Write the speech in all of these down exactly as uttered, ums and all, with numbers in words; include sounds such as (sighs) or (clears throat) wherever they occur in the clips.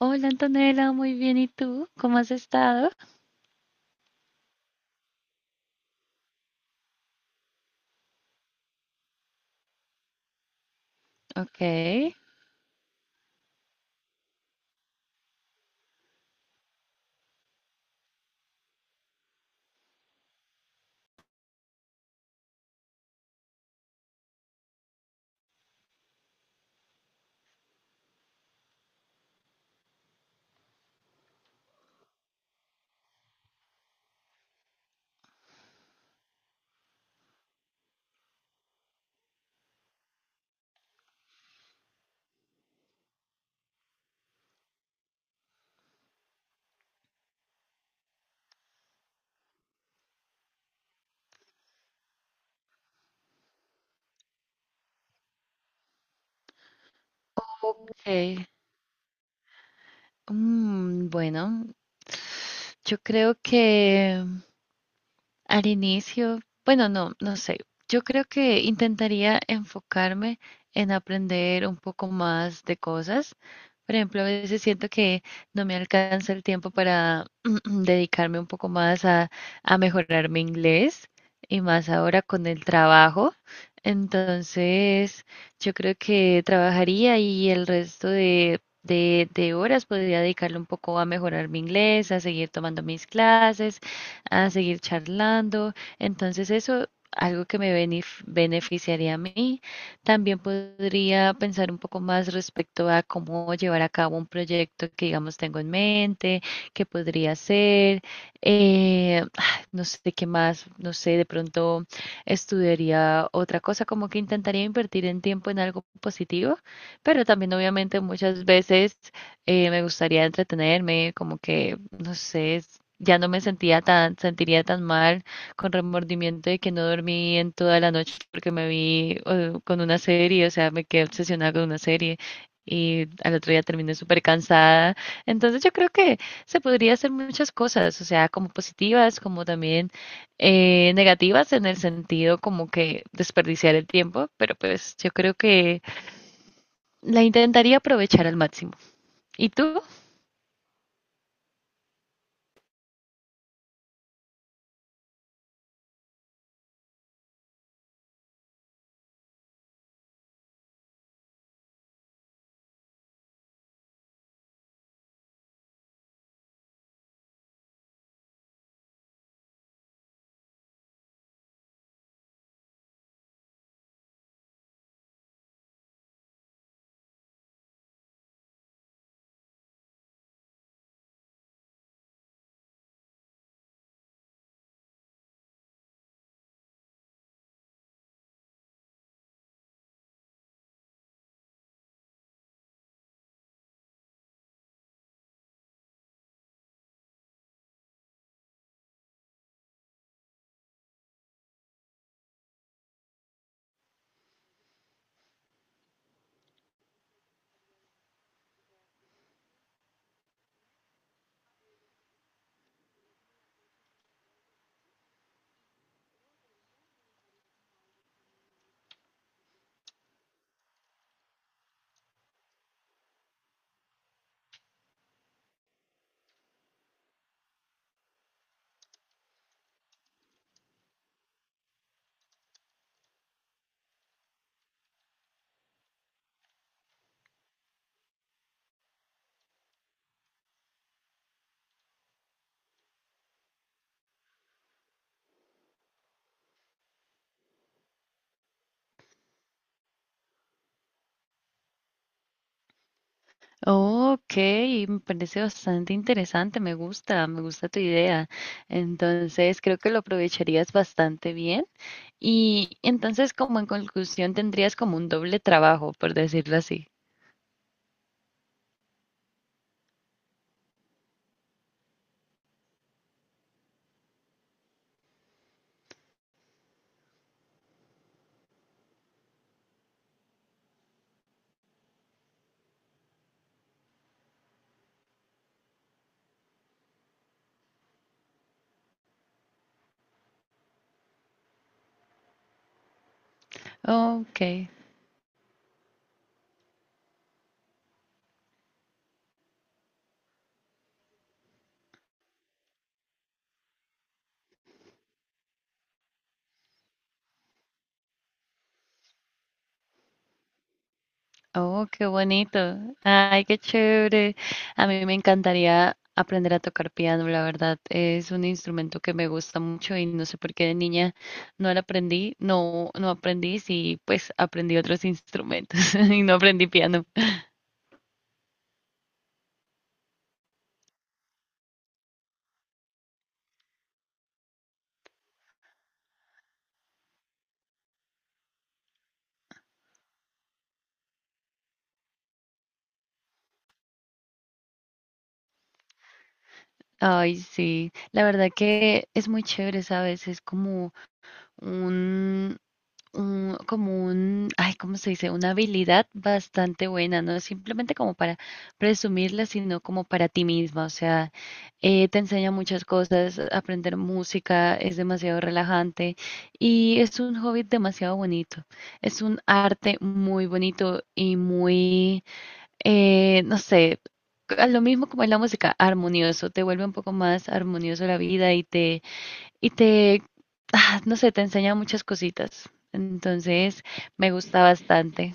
Hola Antonella, muy bien. ¿Y tú? ¿Cómo has estado? Ok, ok. Mm, bueno, yo creo que Al inicio, bueno, no, no sé. Yo creo que intentaría enfocarme en aprender un poco más de cosas. Por ejemplo, a veces siento que no me alcanza el tiempo para (clears throat) dedicarme un poco más a, a mejorar mi inglés y más ahora con el trabajo. Entonces, yo creo que trabajaría y el resto de, de de horas podría dedicarle un poco a mejorar mi inglés, a seguir tomando mis clases a seguir charlando. Entonces eso, algo que me benef- beneficiaría a mí. También podría pensar un poco más respecto a cómo llevar a cabo un proyecto que, digamos, tengo en mente, qué podría hacer. eh, (sighs) no sé qué más, no sé, de pronto estudiaría otra cosa, como que intentaría invertir en tiempo en algo positivo, pero también obviamente muchas veces eh, me gustaría entretenerme, como que, no sé, es- ya no me sentía tan, sentiría tan mal con remordimiento de que no dormí en toda la noche porque me vi eh, con una serie, o sea, me quedé obsesionada con una serie y al otro día terminé súper cansada. Entonces yo creo que se podría hacer muchas cosas, o sea, como positivas, como también eh, negativas en el sentido como que desperdiciar el tiempo, pero pues yo creo que la intentaría aprovechar al máximo. ¿Y tú? Oh, ok, me parece bastante interesante, me gusta, me gusta tu idea. Entonces, creo que lo aprovecharías bastante bien. Y entonces, como en conclusión, tendrías como un doble trabajo, por decirlo así. Ok. Oh, qué bonito. Ay, qué chévere. A mí me encantaría aprender a tocar piano, la verdad. Es un instrumento que me gusta mucho y no sé por qué de niña no lo aprendí, no, no aprendí, sí, pues aprendí otros instrumentos (laughs) y no aprendí piano. Ay, sí. La verdad que es muy chévere, ¿sabes? Es como un, un- como un, ay, ¿cómo se dice? Una habilidad bastante buena, no es simplemente como para presumirla, sino como para ti misma. O sea, eh, te enseña muchas cosas, aprender música es demasiado relajante y es un hobby demasiado bonito. Es un arte muy bonito y muy, eh, no sé. A lo mismo como es la música, armonioso, te vuelve un poco más armonioso la vida y te, y te, ah, no sé, te enseña muchas cositas. Entonces, me gusta bastante.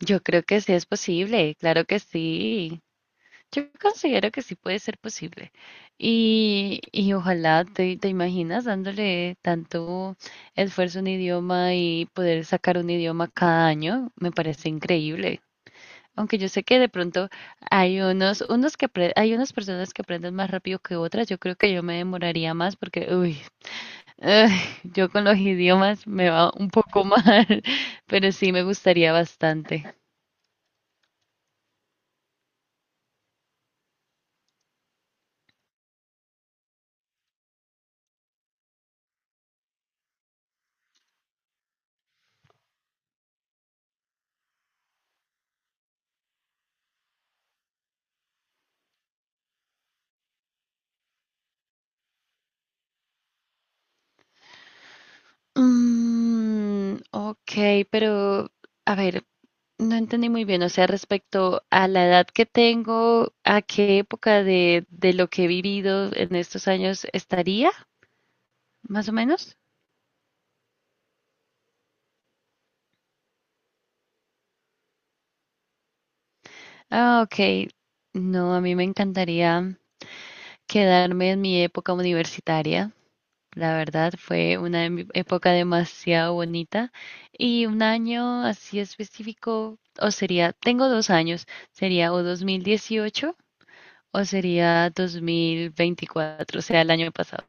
Yo creo que sí es posible, claro que sí. Yo considero que sí puede ser posible. Y, y ojalá te, te imaginas dándole tanto esfuerzo a un idioma y poder sacar un idioma cada año, me parece increíble. Aunque yo sé que de pronto hay unos, unos que apre- hay unas personas que aprenden más rápido que otras, yo creo que yo me demoraría más porque, uy, ay, yo con los idiomas me va un poco mal, (laughs) pero sí me gustaría bastante. Mm, ok, pero a ver, no entendí muy bien, o sea, respecto a la edad que tengo, ¿a qué época de, de lo que he vivido en estos años estaría, más o menos? Ah, ok. No, a mí me encantaría quedarme en mi época universitaria. La verdad fue una em- época demasiado bonita y un año así específico, o sería, tengo dos años, sería o dos mil dieciocho o sería dos mil veinticuatro, o sea, el año pasado.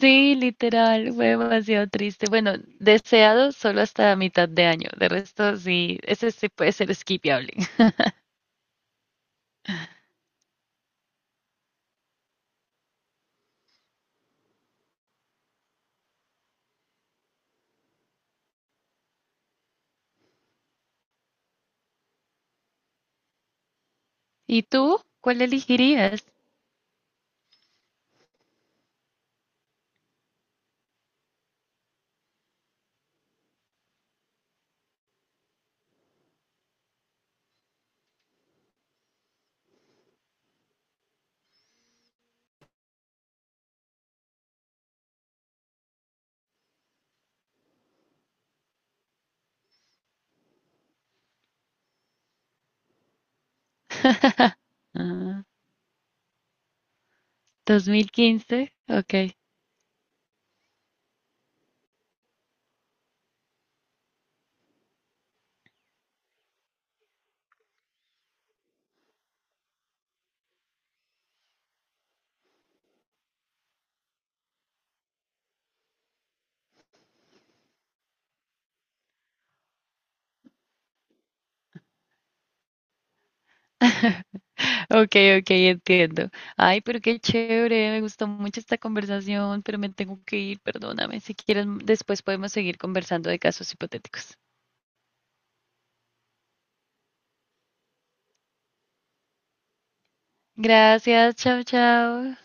Sí, literal, fue demasiado triste. Bueno, deseado solo hasta mitad de año, de resto sí, ese sí puede ser skipiable. (laughs) ¿Y tú? ¿Cuál elegirías? (laughs) Ah, dos mil quince, ok. (laughs) Ok, ok, entiendo. Ay, pero qué chévere, me gustó mucho esta conversación, pero me tengo que ir, perdóname. Si quieres, después podemos seguir conversando de casos hipotéticos. Gracias, chao, chao.